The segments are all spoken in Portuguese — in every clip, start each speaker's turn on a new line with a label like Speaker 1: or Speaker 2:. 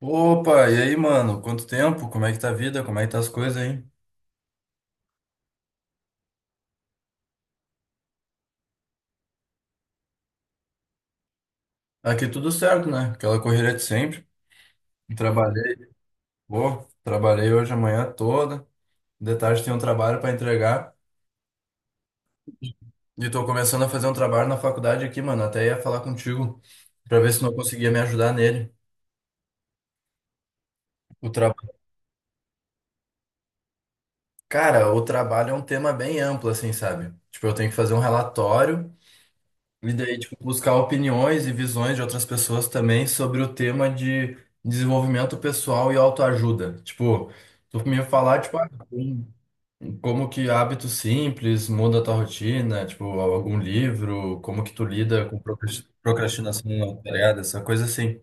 Speaker 1: Opa, e aí, mano? Quanto tempo? Como é que tá a vida? Como é que tá as coisas aí? Aqui tudo certo, né? Aquela correria de sempre. Trabalhei, pô, trabalhei hoje a manhã toda. De tarde tem um trabalho pra entregar. E tô começando a fazer um trabalho na faculdade aqui, mano. Até ia falar contigo pra ver se não conseguia me ajudar nele. O tra... Cara, o trabalho é um tema bem amplo, assim, sabe? Tipo, eu tenho que fazer um relatório. E daí, tipo, buscar opiniões e visões de outras pessoas também sobre o tema de desenvolvimento pessoal e autoajuda. Tipo, tu me falar, tipo, como que hábitos simples muda a tua rotina, tipo, algum livro, como que tu lida com procrastinação alterada, essa coisa assim.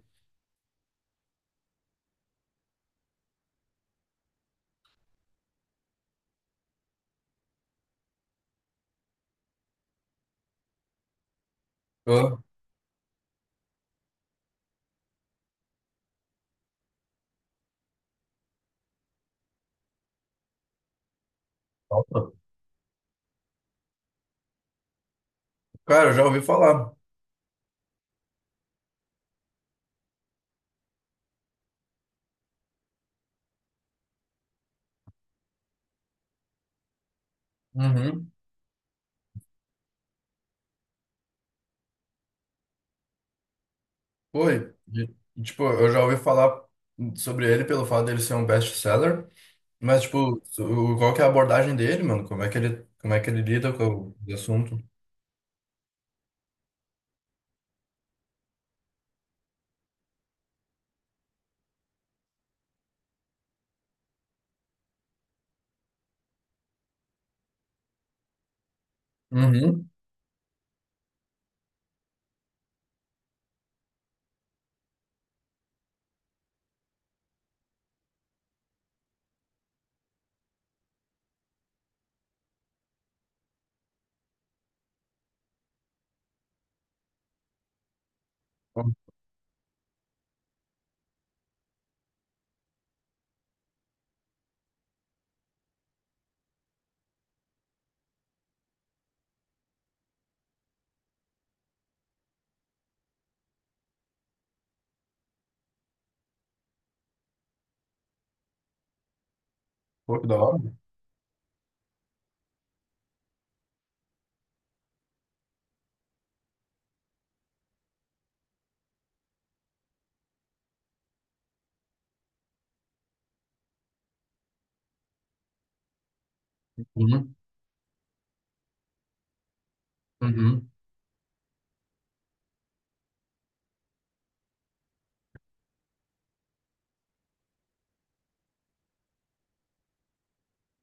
Speaker 1: Eu- Cara, eu já ouvi falar. Uhum. Foi. Tipo, eu já ouvi falar sobre ele pelo fato dele ser um best-seller. Mas, tipo, qual que é a abordagem dele, mano? Como é que ele, como é que ele lida com o assunto? Uhum. Pô, que da hora. Uhum. Uhum.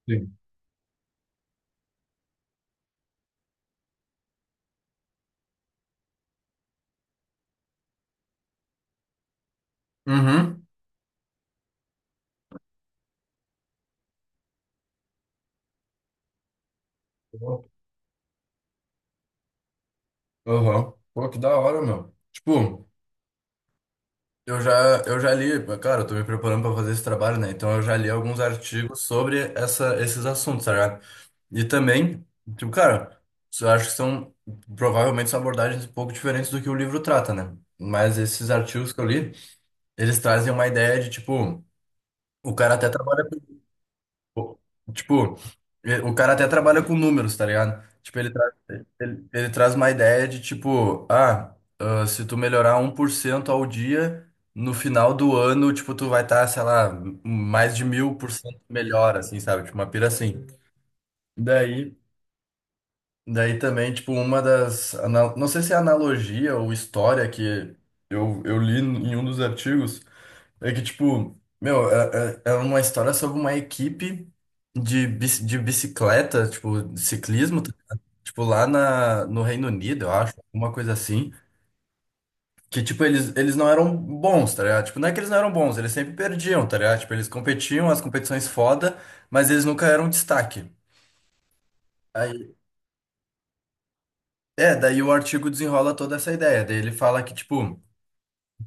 Speaker 1: Sim. Uhum. Aham. Pô, que da hora, meu. Tipo, eu já li, cara, eu tô me preparando pra fazer esse trabalho, né? Então eu já li alguns artigos sobre essa, esses assuntos, tá ligado? E também, tipo, cara, eu acho que são, provavelmente são abordagens um pouco diferentes do que o livro trata, né? Mas esses artigos que eu li, eles trazem uma ideia de, tipo, o cara até trabalha com, tipo, o cara até trabalha com números, tá ligado? Tipo, ele, tra Ele, ele traz uma ideia de tipo, ah, se tu melhorar 1% ao dia, no final do ano, tipo, tu vai estar, sei lá, mais de 1000% melhor, assim, sabe? Tipo, uma pira assim. Daí, daí também, tipo, uma das, não sei se é analogia ou história que eu li em um dos artigos. É que, tipo, meu, é uma história sobre uma equipe de, de bicicleta, tipo, de ciclismo, tá? Tipo, no Reino Unido, eu acho, alguma coisa assim. Que, tipo, eles não eram bons, tá ligado? Tipo, não é que eles não eram bons, eles sempre perdiam, tá ligado? Tipo, eles competiam, as competições foda, mas eles nunca eram destaque. Aí, é, daí o artigo desenrola toda essa ideia. Daí ele fala que, tipo,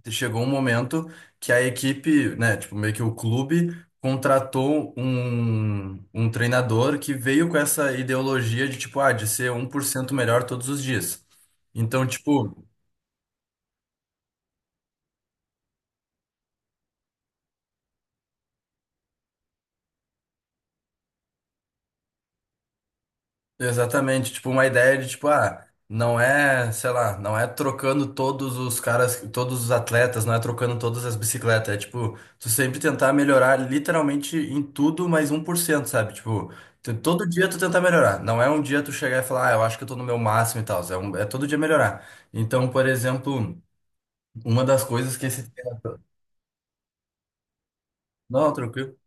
Speaker 1: chegou um momento que a equipe, né, tipo, meio que o clube contratou um treinador que veio com essa ideologia de, tipo, ah, de ser 1% melhor todos os dias. Então, tipo, exatamente, tipo uma ideia de tipo, ah, não é, sei lá, não é trocando todos os caras, todos os atletas, não é trocando todas as bicicletas, é tipo, tu sempre tentar melhorar literalmente em tudo mais 1%, sabe? Tipo, todo dia tu tentar melhorar, não é um dia tu chegar e falar, ah, eu acho que eu tô no meu máximo e tal, é, é todo dia melhorar. Então, por exemplo, uma das coisas que esse... Não, tranquilo.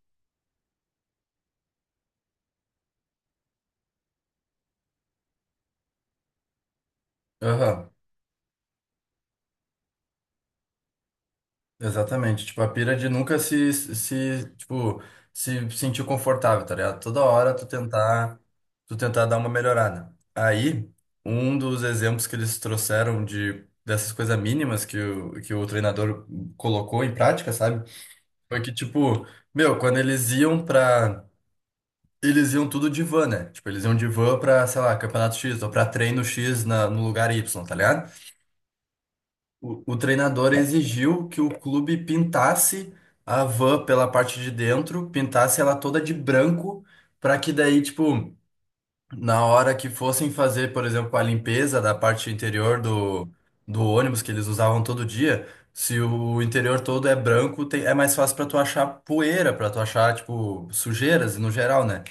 Speaker 1: Aham. Exatamente, tipo, a pira de nunca se, se, tipo, se sentir confortável, tá ligado? Toda hora tu tentar dar uma melhorada. Aí, um dos exemplos que eles trouxeram de dessas coisas mínimas que o treinador colocou em prática, sabe? Foi que, tipo, meu, quando eles iam pra, eles iam tudo de van, né? Tipo, eles iam de van pra, sei lá, campeonato X ou pra treino X na, no lugar Y, tá ligado? O treinador exigiu que o clube pintasse a van pela parte de dentro, pintasse ela toda de branco, para que daí, tipo, na hora que fossem fazer, por exemplo, a limpeza da parte interior do, do ônibus que eles usavam todo dia, se o interior todo é branco, é mais fácil para tu achar poeira, para tu achar, tipo, sujeiras no geral, né?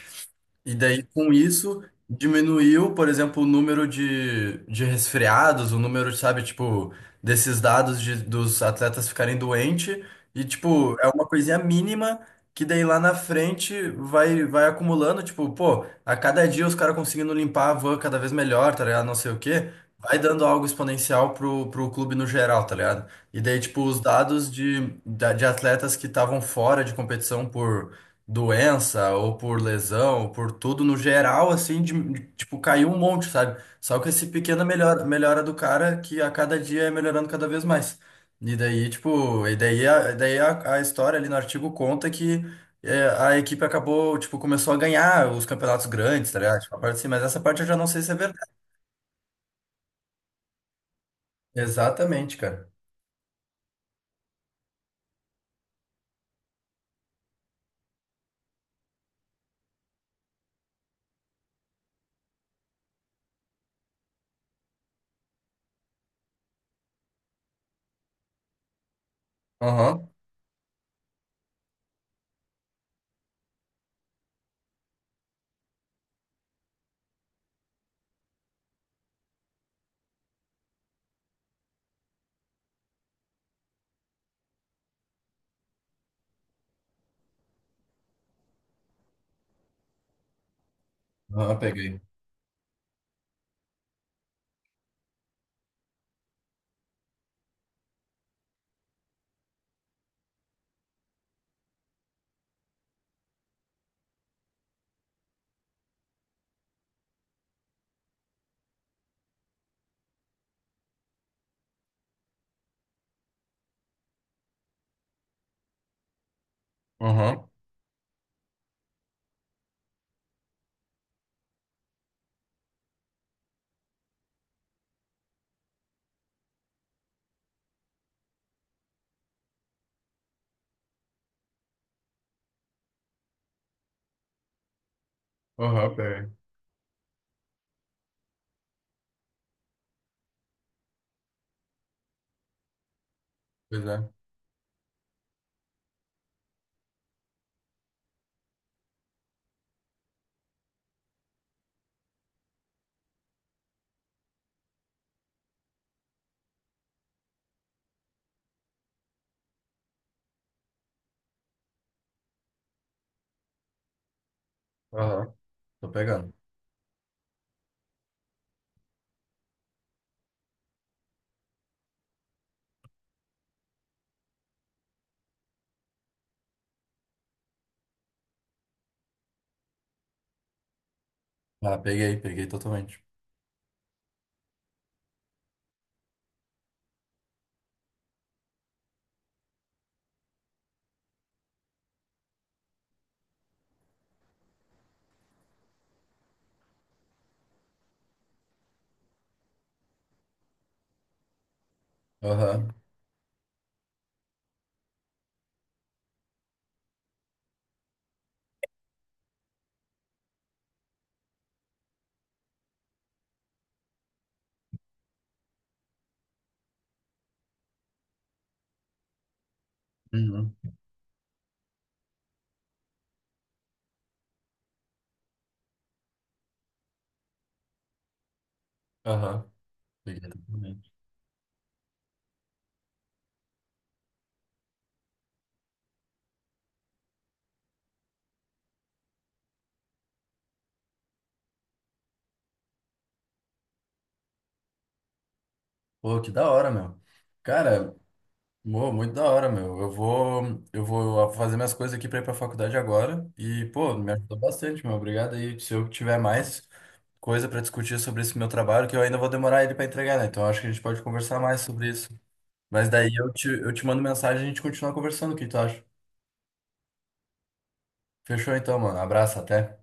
Speaker 1: E daí, com isso, diminuiu, por exemplo, o número de resfriados, o número, sabe, tipo, desses dados de, dos atletas ficarem doentes. E, tipo, é uma coisinha mínima que daí lá na frente vai, vai acumulando, tipo, pô, a cada dia os caras conseguindo limpar a van cada vez melhor, tá ligado? Não sei o quê. Vai dando algo exponencial pro, pro clube no geral, tá ligado? E daí, tipo, os dados de, da- de atletas que estavam fora de competição por doença ou por lesão, ou por tudo no geral, assim, de- tipo, caiu um monte, sabe? Só que esse pequena melhora, melhora do cara que a cada dia é melhorando cada vez mais. E daí, tipo, e daí a história ali no artigo conta que é, a equipe acabou, tipo, começou a ganhar os campeonatos grandes, tá ligado? Tipo, a parte assim, mas essa parte eu já não sei se é verdade. Exatamente, cara. Aham. Aham, peguei. Aham. Aham, peguei. Pois é. Aham. Tô pegando. Ah, peguei, peguei totalmente. Aham. Uhum. Aham, peguei também. Pô, que da hora, meu. Cara, muito da hora, meu. Eu vou fazer minhas coisas aqui pra ir pra faculdade agora. E, pô, me ajudou bastante, meu. Obrigado aí. Se eu tiver mais coisa pra discutir sobre esse meu trabalho, que eu ainda vou demorar ele pra entregar, né? Então acho que a gente pode conversar mais sobre isso. Mas daí eu te mando mensagem e a gente continua conversando. O que tu acha? Fechou então, mano. Abraço, até.